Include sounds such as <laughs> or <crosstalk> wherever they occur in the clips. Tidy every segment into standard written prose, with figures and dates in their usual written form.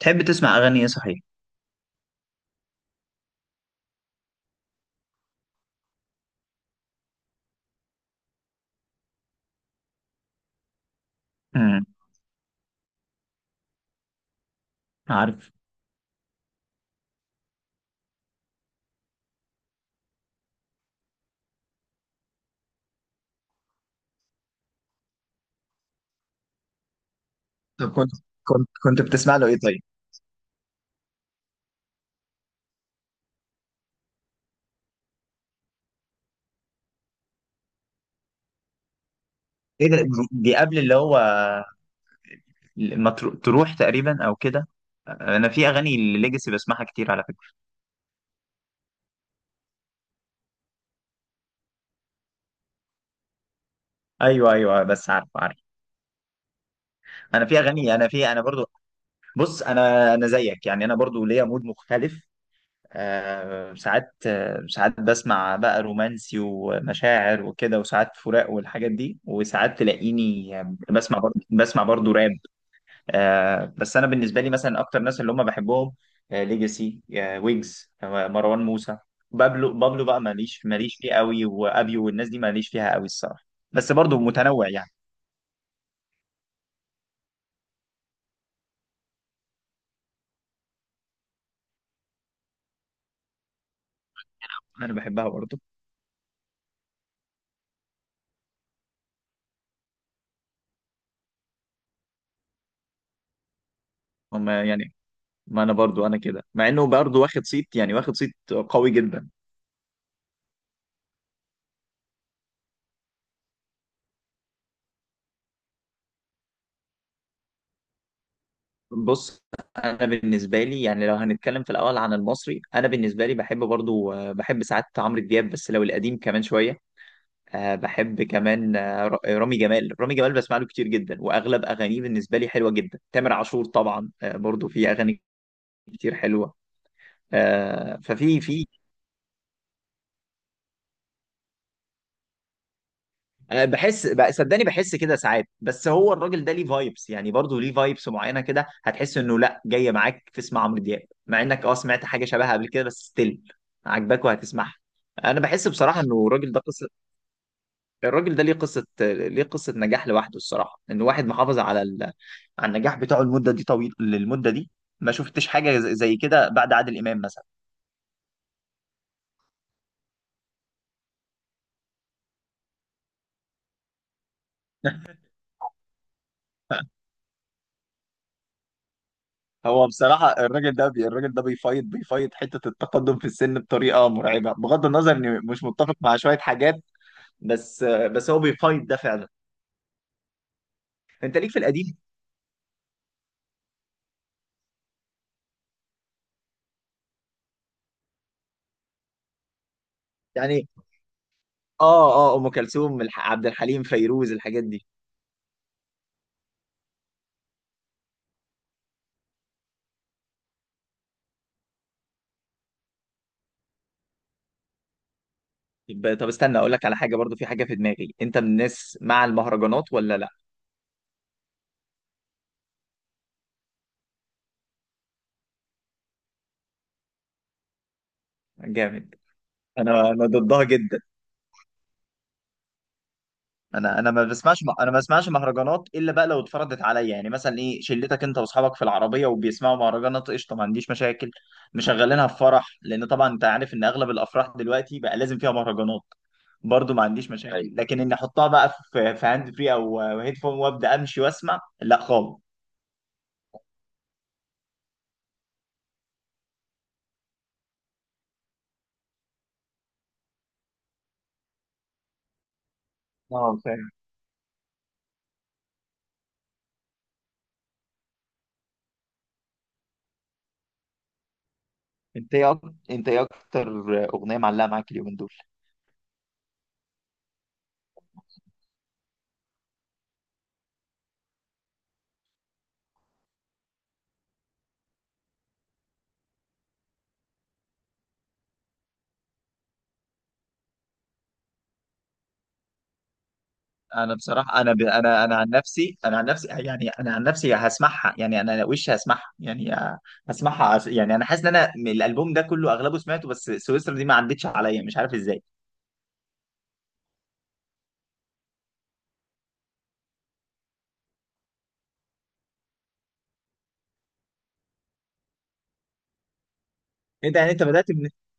تحب تسمع اغاني ايه صحيح؟ امم. عارف. طب كنت بتسمع له ايه طيب؟ ايه ده، دي قبل اللي هو ما ترو- تروح تقريبا او كده. انا في اغاني الليجاسي بسمعها كتير على فكره. ايوه ايوه، بس عارف عارف. انا في اغاني انا في انا برضو. بص انا زيك، يعني انا برضو ليا مود مختلف. آه ساعات، آه ساعات بسمع بقى رومانسي ومشاعر وكده، وساعات فراق والحاجات دي، وساعات تلاقيني آه، بسمع برضو راب. آه، بس انا بالنسبه لي مثلا اكتر ناس اللي هم بحبهم آه ليجاسي، آه ويجز، آه مروان موسى. بابلو بقى ماليش فيه قوي، وابيو والناس دي ماليش فيها قوي الصراحه. بس برضو متنوع يعني. انا بحبها برضو. هم يعني، ما انا برضو انا كده، مع انه برضو واخد صيت، يعني واخد صيت قوي جدا. بص انا بالنسبه لي، يعني لو هنتكلم في الاول عن المصري، انا بالنسبه لي بحب برضو آه، بحب ساعات عمرو دياب بس لو القديم كمان شويه. أه بحب كمان آه، رامي جمال بسمع له كتير جدا واغلب اغانيه بالنسبه لي حلوه جدا. تامر عاشور طبعا أه برضو في اغاني كتير حلوه. أه في. صدقني بحس كده ساعات، بس هو الراجل ده ليه فايبس، يعني برضو ليه فايبس معينه كده، هتحس انه لا جايه معاك تسمع عمرو دياب مع انك اه سمعت حاجه شبهها قبل كده، بس ستيل عاجباك وهتسمعها. انا بحس بصراحه انه الراجل ده، ليه قصة نجاح لوحده الصراحة، ان واحد محافظ على على النجاح بتاعه المدة دي، طويل للمدة دي. ما شفتش حاجة زي كده بعد عادل إمام مثلا. <laughs> هو بصراحة الراجل ده بيفايض، بيفايض حتة التقدم في السن بطريقة مرعبة، بغض النظر اني مش متفق مع شوية حاجات، بس هو بيفايض ده فعلا. انت ليك في القديم؟ يعني اه، اه، ام كلثوم عبد الحليم فيروز الحاجات دي. طب استنى اقول لك على حاجة، برضو في حاجة في دماغي، انت من الناس مع المهرجانات ولا لا؟ جامد. انا ضدها جدا. انا ما بسمعش، انا ما بسمعش مهرجانات الا بقى لو اتفرضت عليا، يعني مثلا ايه شلتك انت واصحابك في العربيه وبيسمعوا مهرجانات، قشطه، ما عنديش مشاكل. مشغلينها في فرح لان طبعا انت عارف ان اغلب الافراح دلوقتي بقى لازم فيها مهرجانات، برضو ما عنديش مشاكل، ايوه. لكن اني احطها بقى في هاند فري او هيدفون وابدا امشي واسمع، لا خالص. اه فاهم. انت ايه اكتر اغنيه معلقه معاك اليومين دول؟ انا بصراحه، انا عن نفسي، يعني انا عن نفسي هسمعها، يعني انا وش هسمعها، يعني هسمعها يعني انا حاسس ان انا من الالبوم ده كله اغلبه سمعته بس سويسرا دي ما عدتش عليا، مش عارف ازاي. انت بدات من إيه؟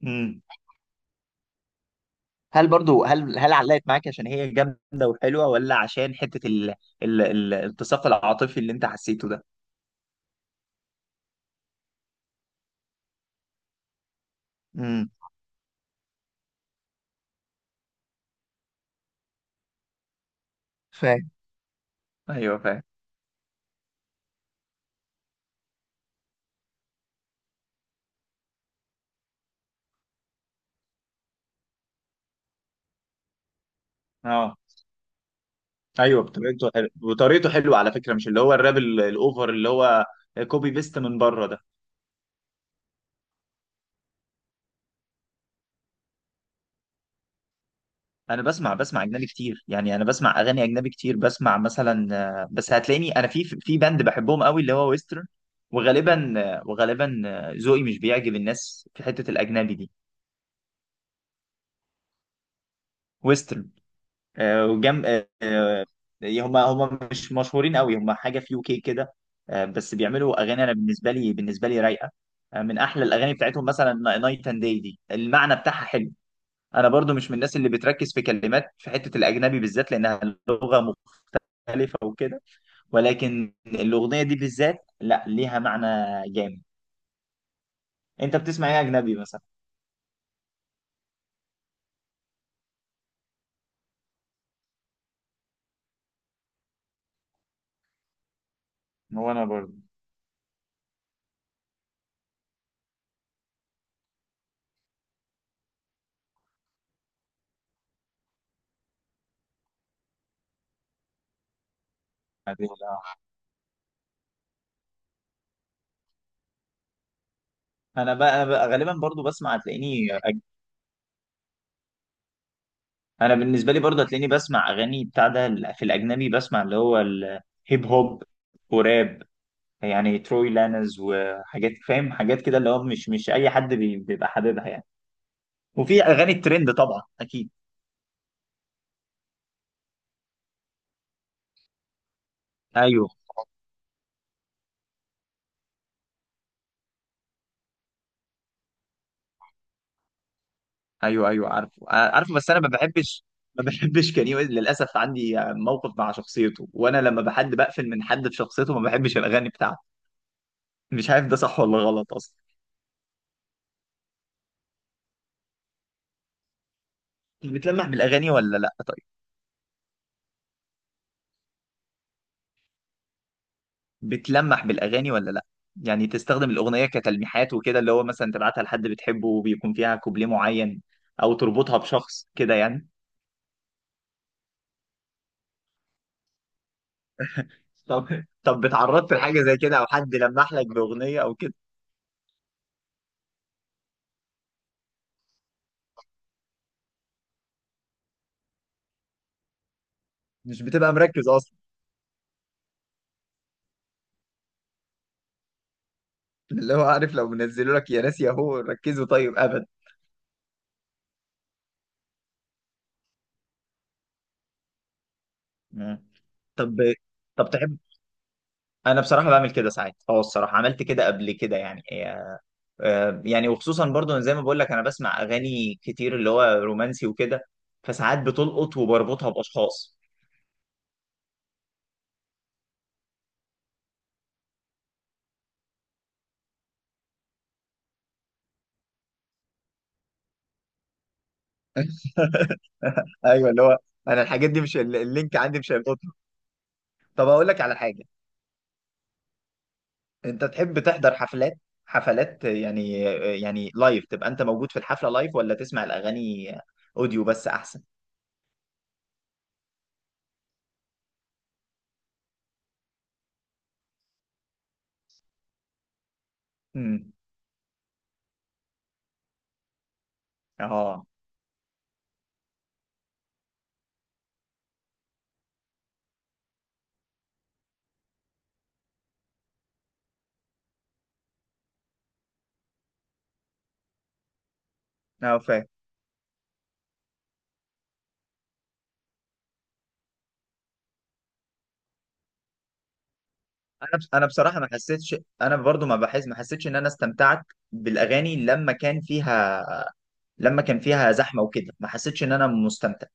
مم. هل برضو، هل علقت معاك عشان هي جامده وحلوه ولا عشان حته التصاق العاطفي اللي انت حسيته ده؟ امم فاهم ايوه فاهم اه ايوه، بطريقته حلوه، بطريقته حلوه على فكره، مش اللي هو الراب الاوفر اللي هو كوبي بيست من بره. انا بسمع اجنبي كتير، يعني انا بسمع اغاني اجنبي كتير، بسمع مثلا آه، بس هتلاقيني انا في باند بحبهم قوي اللي هو ويسترن، وغالبا آه، وغالبا آه، ذوقي مش بيعجب الناس في حتة الاجنبي دي. ويسترن، آه، وجم، آه، آه. هما مش مشهورين قوي، هما حاجة في يوكي كده. آه، بس بيعملوا اغاني انا بالنسبة لي رايقة. آه، من احلى الاغاني بتاعتهم مثلا نايت اند داي دي، المعنى بتاعها حلو. انا برضو مش من الناس اللي بتركز في كلمات في حتة الاجنبي بالذات لانها لغة مختلفة وكده، ولكن الأغنية دي بالذات لا، ليها معنى جامد. انت بتسمع ايه اجنبي مثلا؟ هو انا برضه أجنبي، آه. انا بقى، أنا بقى غالبا برضو بسمع، انا بالنسبة لي برضو هتلاقيني بسمع اغاني بتاع ده في الاجنبي، بسمع اللي هو الهيب هوب وراب، يعني تروي لانز وحاجات فاهم، حاجات كده اللي هو مش اي حد بيبقى حاببها يعني، وفي اغاني الترند طبعا اكيد. ايوه ايوه ايوه، عارفه، عارفه، بس انا ما بحبش. للاسف عندي موقف مع شخصيته، وانا لما بحد بقفل من حد في شخصيته ما بحبش الاغاني بتاعته، مش عارف ده صح ولا غلط اصلا. بتلمح بالاغاني ولا لا طيب؟ بتلمح بالاغاني ولا لا؟ يعني تستخدم الاغنيه كتلميحات وكده، اللي هو مثلا تبعتها لحد بتحبه وبيكون فيها كوبليه معين، او تربطها بشخص كده يعني. طب طب اتعرضت لحاجه زي كده او حد لمح لك باغنيه او كده؟ مش بتبقى مركز. اللي هو عارف لو منزلوا لك، يا ناس يا هو ركزوا، طيب، ابدا. مم. طب طب تحب، انا بصراحه بعمل كده ساعات، اه الصراحه عملت كده قبل كده يعني آه، يعني وخصوصا برضو زي ما بقول لك انا بسمع اغاني كتير اللي هو رومانسي وكده، فساعات بتلقط وبربطها باشخاص. <laughs> ايوه اللي هو، انا الحاجات دي مش اللينك عندي مش هيلقطه. طب اقول لك على حاجه، انت تحب تحضر حفلات؟ حفلات يعني آه، يعني لايف، تبقى انت موجود في الحفله لايف ولا تسمع الاغاني اوديو بس احسن؟ امم اه اه فاهم. انا بس انا بصراحه ما حسيتش، انا برضو ما حسيتش ان انا استمتعت بالاغاني لما كان فيها زحمه وكده، ما حسيتش ان انا مستمتع